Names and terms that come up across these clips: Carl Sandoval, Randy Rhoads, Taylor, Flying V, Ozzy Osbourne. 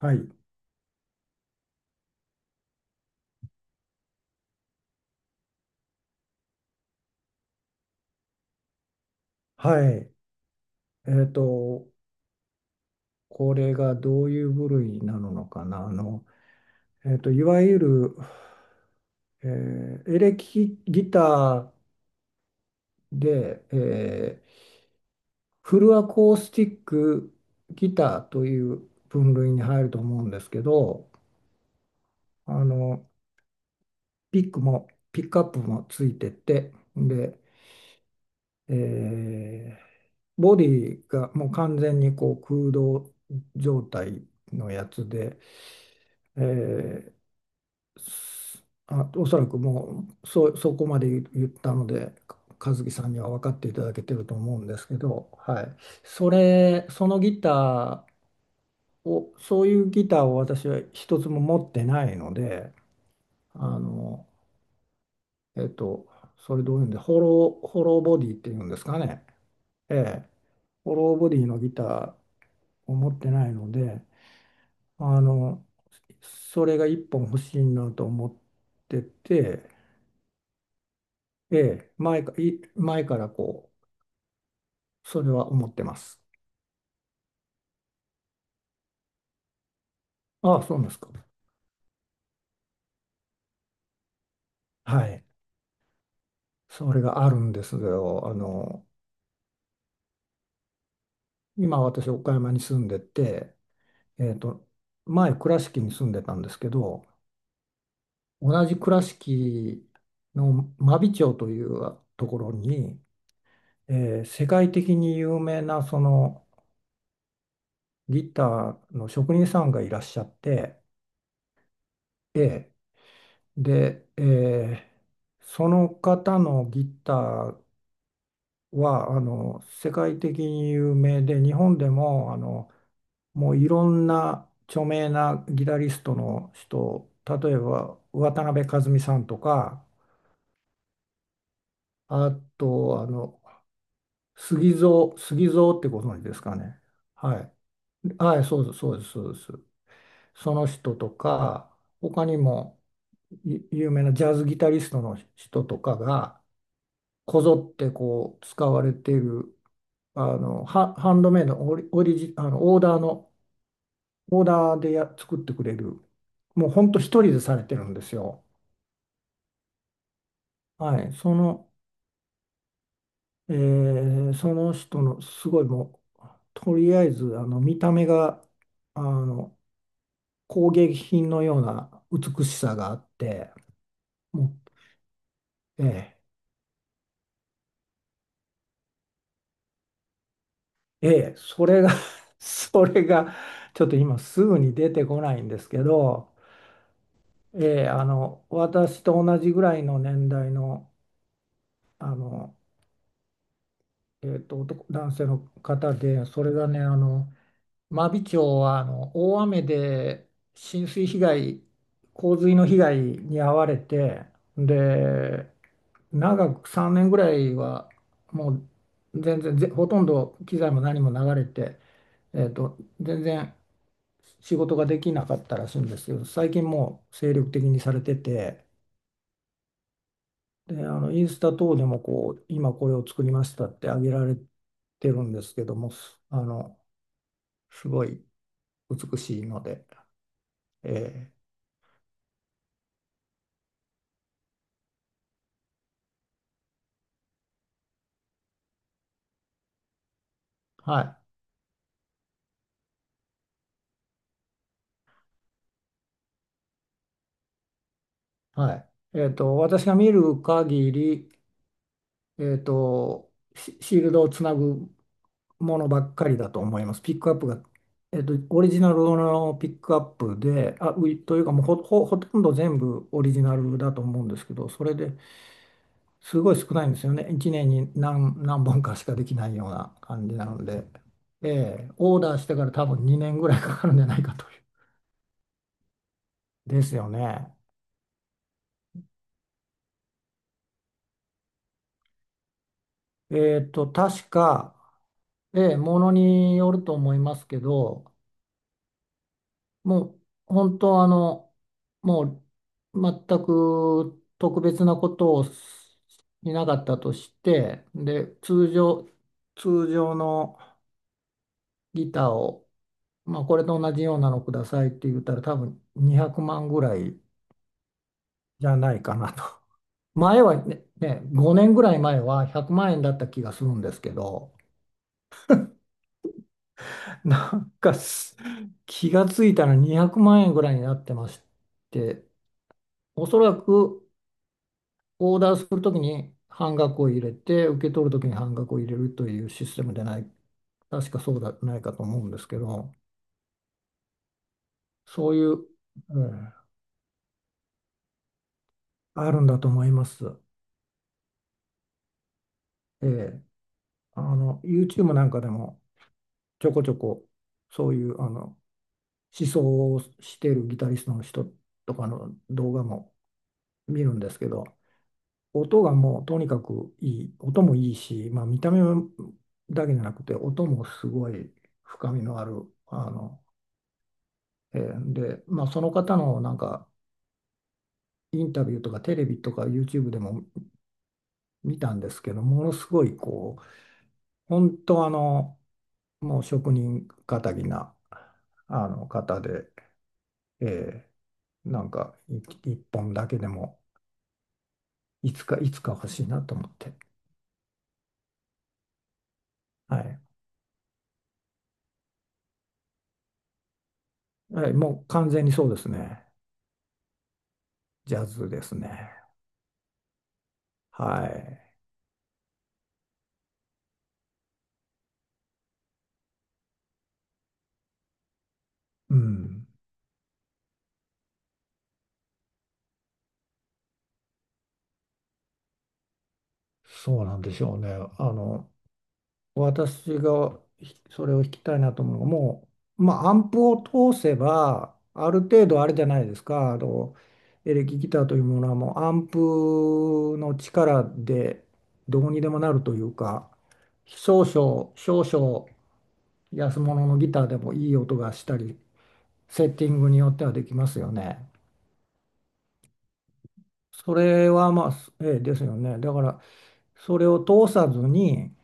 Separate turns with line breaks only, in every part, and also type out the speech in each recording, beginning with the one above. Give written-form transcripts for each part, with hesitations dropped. はい。はい。えっと、これがどういう部類なのかな。いわゆる、えエレキギターで、ーフルアコースティックギターという分類に入ると思うんですけど、あの、ピックも、ピックアップもついてて、で、えーボディがもう完全にこう空洞状態のやつで、えーおそらくもうそ、そこまで言ったので、和樹さんには分かっていただけてると思うんですけど、はい、そのギターを、そういうギターを私は一つも持ってないので、あの、えっと、それどういうんで、ホローボディっていうんですかね、ええ、ホローボディのギターを持ってないので、あの、それが一本欲しいなと思ってて、ええ、前からこう、それは思ってます。ああ、そうなんですか。はい。それがあるんですよ。あの、今私、岡山に住んでて、えっと、前、倉敷に住んでたんですけど、同じ倉敷の真備町というところに、世界的に有名なそのギターの職人さんがいらっしゃって、ええ、で、その方のギターはあの世界的に有名で、日本でもあの、もういろんな著名なギタリストの人、例えば渡辺和美さんとか、あとあの、杉蔵ってご存知ですかね。はいはい、そうですそうですそうです。その人とか、他にも有名なジャズギタリストの人とかがこぞってこう使われている、あのハンドメイド、オリ、オリジ、あのオーダーの、オーダーで作ってくれる。もうほんと一人でされてるんですよ。はい。その、その人のすごいもう、とりあえずあの見た目があの工芸品のような美しさがあって、もう、ええええそれが それが、ちょっと今すぐに出てこないんですけど、えあの、私と同じぐらいの年代の、あの、えーと、男性の方で、それがね、あの真備町はあの大雨で浸水被害、洪水の被害に遭われて、で、長く3年ぐらいはもう全然ぜほとんど機材も何も流れて、えーと、全然仕事ができなかったらしいんですけど、最近もう精力的にされてて、で、あのインスタ等でもこう、今これを作りましたってあげられてるんですけども、あの、すごい美しいので。えーははい。えっと、私が見る限り、えっと、シールドをつなぐものばっかりだと思います。ピックアップが、えっと、オリジナルのピックアップで、あ、ういというかもうほとんど全部オリジナルだと思うんですけど、それですごい少ないんですよね。1年に何本かしかできないような感じなので、えオーダーしてから多分2年ぐらいかかるんじゃないかという。ですよね。えっと、確か、ええ、ものによると思いますけど、もう本当あの、もう全く特別なことをしなかったとして、で、通常のギターを、まあ、これと同じようなのくださいって言ったら多分200万ぐらいじゃないかなと。前はね、5年ぐらい前は100万円だった気がするんですけど、なんかす気がついたら200万円ぐらいになってまして、おそらくオーダーするときに半額を入れて、受け取るときに半額を入れるというシステムでない、確かそうじゃないかと思うんですけど、そういう、ええあるんだと思います。ええあの、YouTube なんかでもちょこちょこそういうあの思想をしているギタリストの人とかの動画も見るんですけど、音がもうとにかくいい、音もいいし、まあ、見た目だけじゃなくて、音もすごい深みのある、あの、で、まあ、その方のなんかインタビューとかテレビとか YouTube でも見たんですけど、ものすごいこう、本当あの、もう職人気なあの方で、えーなんかい一本だけでもいつかいつか欲しいなと思って、はい、はい、もう完全にそうですね、ジャズですね。はい。うん。そうなんでしょうね。あの、私がそれを聞きたいなと思うのが、もう、まあ、アンプを通せば、ある程度あれじゃないですか。あの、エレキギターというものはもうアンプの力でどうにでもなるというか、少々安物のギターでもいい音がしたり、セッティングによってはできますよね。それはまあ、ですよね。だからそれを通さずに、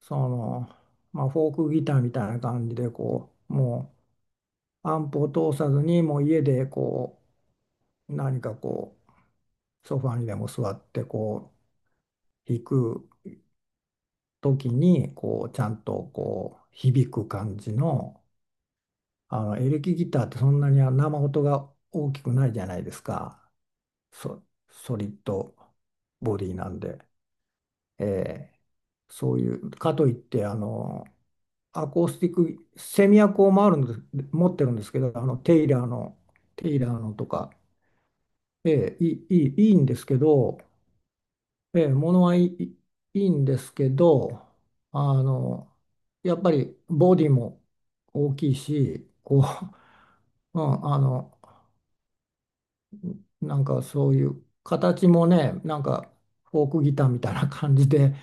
その、まあ、フォークギターみたいな感じでこう、もうアンプを通さずにもう家でこう何かこうソファにでも座ってこう弾く時にこうちゃんとこう響く感じの、あのエレキギターってそんなに生音が大きくないじゃないですか。ソ、ソリッドボディなんで、えーそういうかといってあのアコースティック、セミアコを回るんです、持ってるんですけど、あのテイラーの、テイラーのとか、ええ、いいんですけど、ええ、ものはいいんですけど、あの、やっぱりボディも大きいし、こう、うん、あの、なんかそういう形もね、なんかフォークギターみたいな感じで、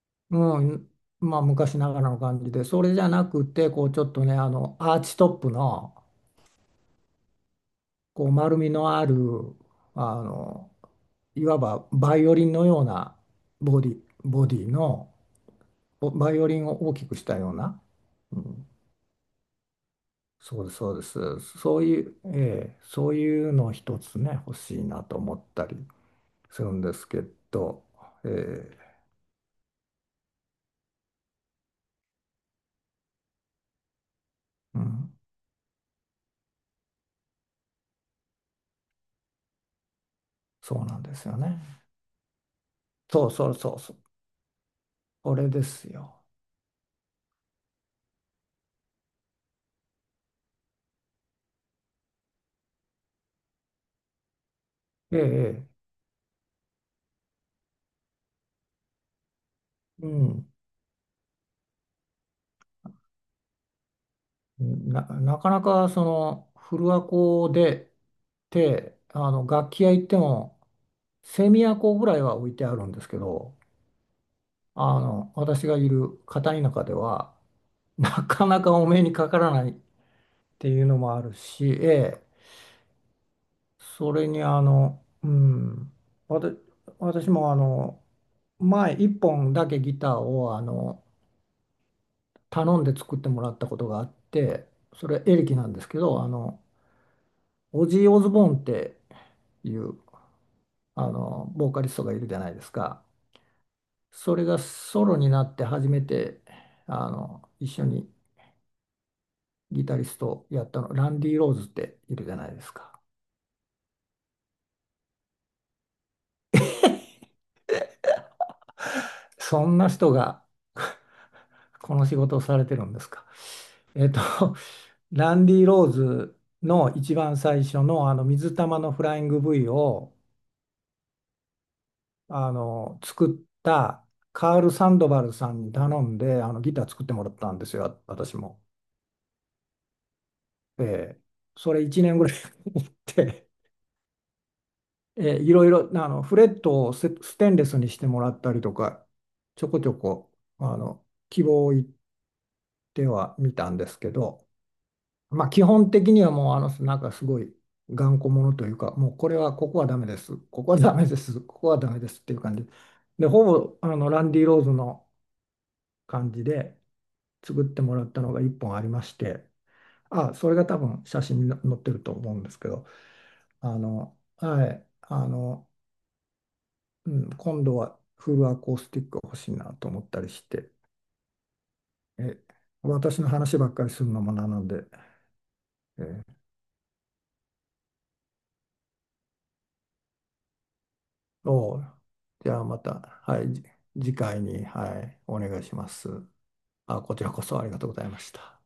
うん、まあ昔ながらの感じで、それじゃなくて、こうちょっとね、あの、アーチトップの、こう丸みのあるあのいわばバイオリンのようなボディ、ボディの、おバイオリンを大きくしたような、うん、そうですそうです、そういう、ええそういうの一つね欲しいなと思ったりするんですけど、ええうん、そうなんですよね。そうそうそうそう、これですよ。ええええうんなかなかその古アコでてあの楽器屋行ってもセミアコぐらいは置いてあるんですけど、あの私がいる片田舎ではなかなかお目にかからないっていうのもあるし、ええ、それにあの、うん、わた私もあの前一本だけギターをあの頼んで作ってもらったことがあって、それエレキなんですけど、あのオジー・オズボーンっていうあのボーカリストがいるじゃないですか。それがソロになって初めてあの一緒にギタリストをやったのランディ・ローズっているじゃないですか。そんな人が この仕事をされてるんですか。えっと、ランディ・ローズの一番最初のあの水玉のフライング V をあの作ったカール・サンドバルさんに頼んであのギター作ってもらったんですよ、私も。ええそれ1年ぐらいやって、いろいろあのフレットをステンレスにしてもらったりとかちょこちょこあの希望を言ってはみたんですけど、まあ、基本的にはもうあのなんかすごい頑固者というか、もうこれはここはダメです、ここはダメです、ここはダメですっていう感じでほぼあのランディ・ローズの感じで作ってもらったのが1本ありまして、あそれが多分写真に載ってると思うんですけど、あのはい、あのうん、今度はフルアコースティックが欲しいなと思ったりして、え、私の話ばっかりするのもなので、えー、おうじゃあまた、はい、次回に、はい、お願いします。あ、こちらこそありがとうございました。